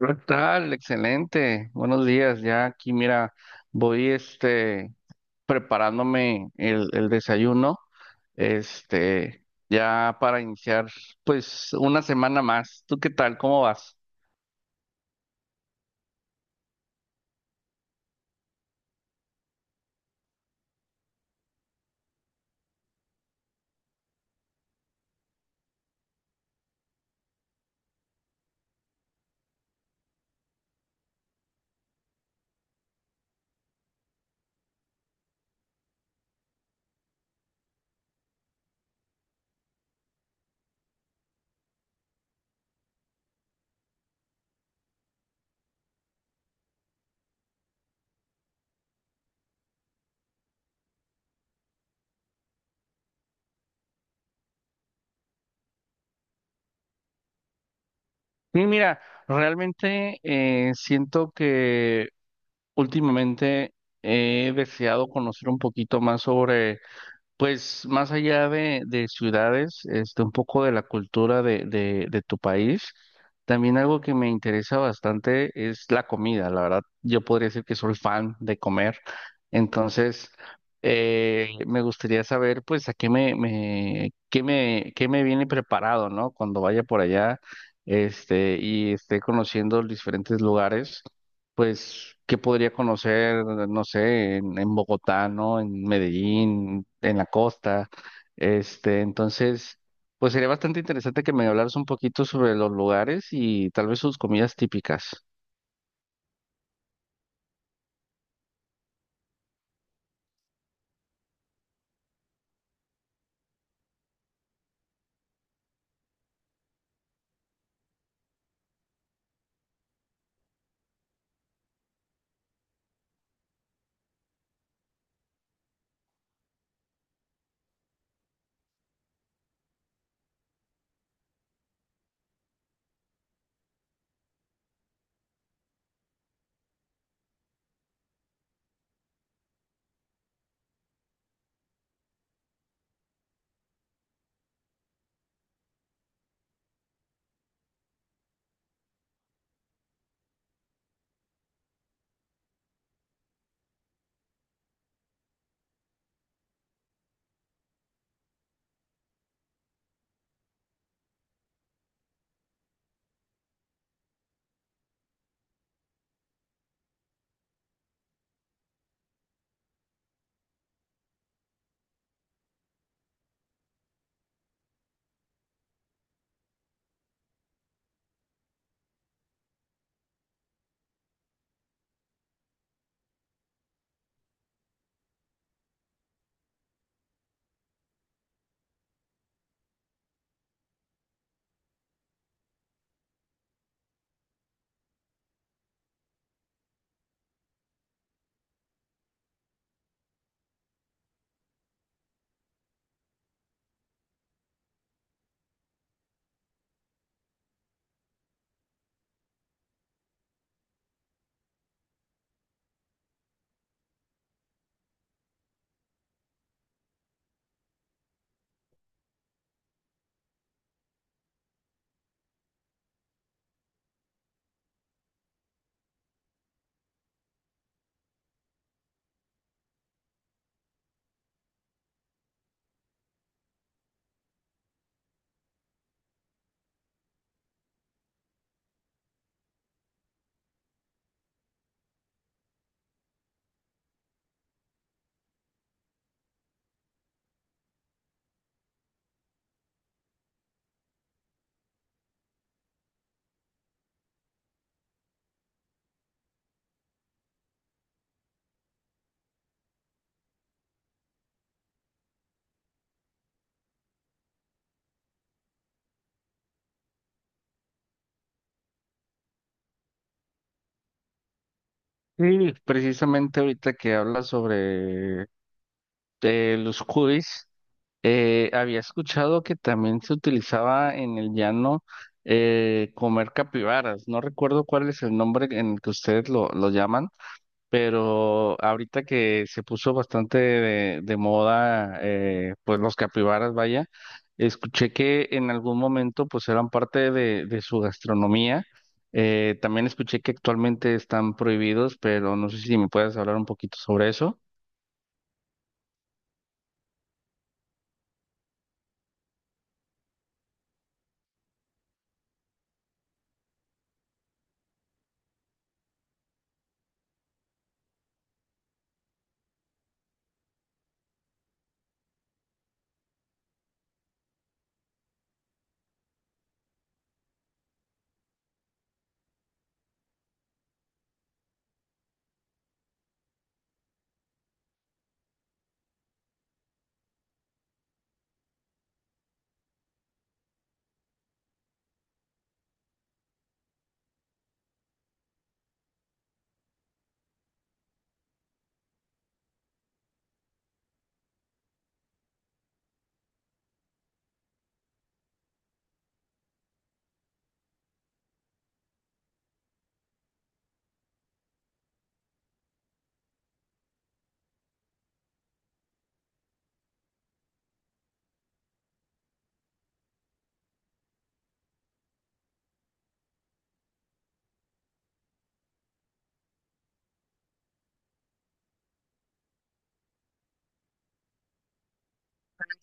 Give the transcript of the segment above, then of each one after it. ¿Qué tal? Excelente. Buenos días. Ya aquí, mira, voy preparándome el desayuno, ya para iniciar, pues, una semana más. ¿Tú qué tal? ¿Cómo vas? Sí, mira, realmente siento que últimamente he deseado conocer un poquito más sobre. Pues más allá de ciudades, un poco de la cultura de tu país, también algo que me interesa bastante es la comida. La verdad, yo podría decir que soy fan de comer. Entonces, me gustaría saber, pues, a qué me, me, qué me, qué me viene preparado, ¿no? Cuando vaya por allá, y esté conociendo los diferentes lugares. Pues, ¿qué podría conocer, no sé, en Bogotá? ¿No? En Medellín, en la costa. Este, entonces, pues sería bastante interesante que me hablaras un poquito sobre los lugares y tal vez sus comidas típicas. Sí, precisamente ahorita que hablas sobre los curis, había escuchado que también se utilizaba en el llano comer capibaras. No recuerdo cuál es el nombre en el que ustedes lo llaman, pero ahorita que se puso bastante de moda, pues los capibaras, vaya, escuché que en algún momento pues eran parte de su gastronomía. También escuché que actualmente están prohibidos, pero no sé si me puedes hablar un poquito sobre eso.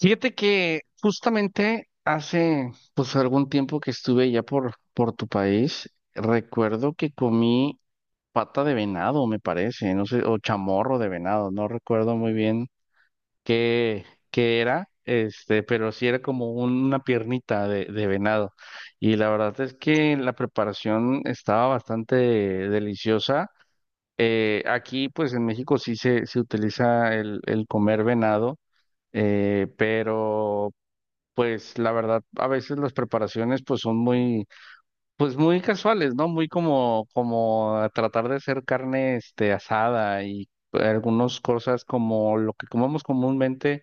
Fíjate que justamente hace pues algún tiempo que estuve ya por tu país, recuerdo que comí pata de venado, me parece, no sé, o chamorro de venado, no recuerdo muy bien qué, qué era, pero sí era como una piernita de venado. Y la verdad es que la preparación estaba bastante deliciosa. Aquí, pues en México sí se utiliza el comer venado, pero pues la verdad, a veces las preparaciones pues muy casuales, ¿no? Muy como, como a tratar de hacer carne, asada y algunas cosas como lo que comemos comúnmente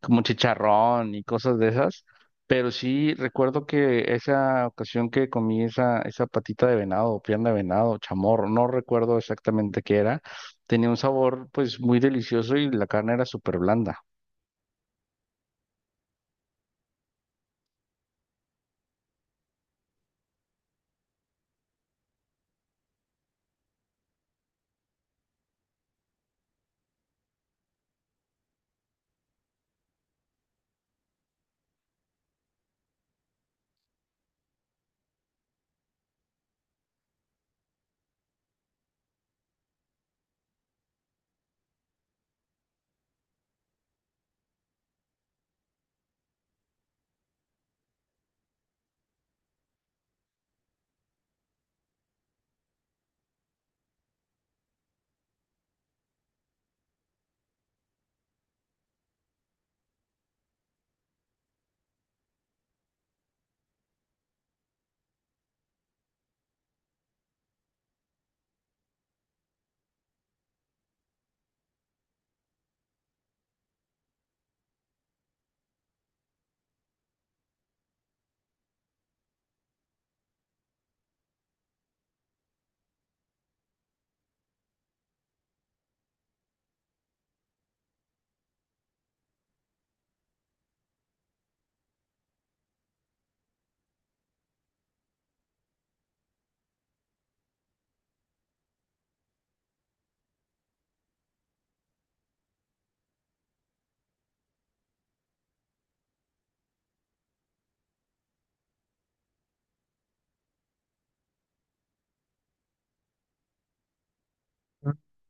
como chicharrón y cosas de esas. Pero sí recuerdo que esa ocasión que comí esa patita de venado, o pierna de venado, chamorro, no recuerdo exactamente qué era, tenía un sabor pues muy delicioso y la carne era súper blanda.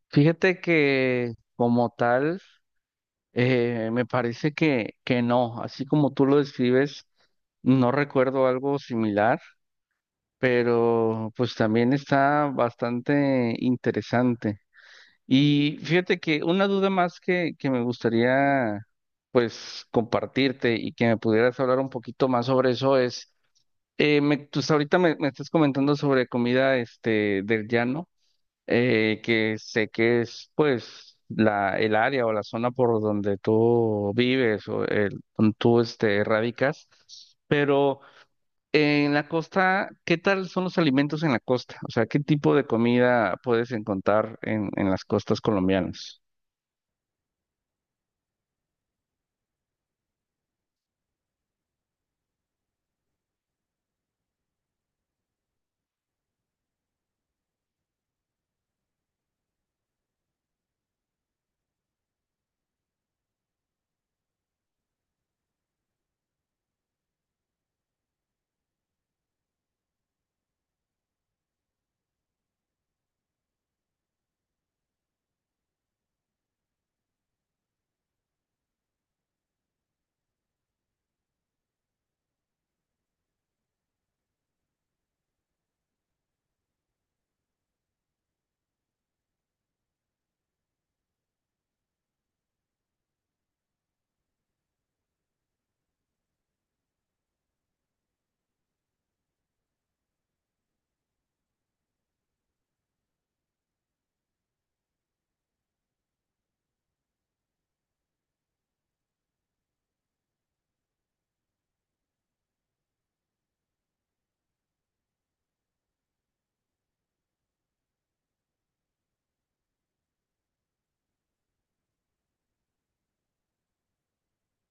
Fíjate que como tal, me parece que no, así como tú lo describes, no recuerdo algo similar, pero pues también está bastante interesante. Y fíjate que una duda más que me gustaría pues compartirte y que me pudieras hablar un poquito más sobre eso es, tú hasta ahorita me estás comentando sobre comida del llano, que sé que es pues la, el área o la zona por donde tú vives o el, donde tú radicas, pero en la costa, ¿qué tal son los alimentos en la costa? O sea, ¿qué tipo de comida puedes encontrar en las costas colombianas?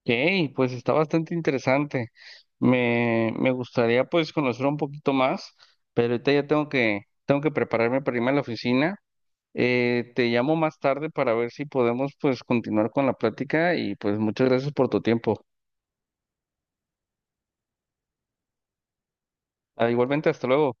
Ok, pues está bastante interesante. Me gustaría pues conocer un poquito más, pero ahorita ya tengo tengo que prepararme para irme a la oficina. Te llamo más tarde para ver si podemos pues continuar con la plática y pues muchas gracias por tu tiempo. Ah, igualmente, hasta luego.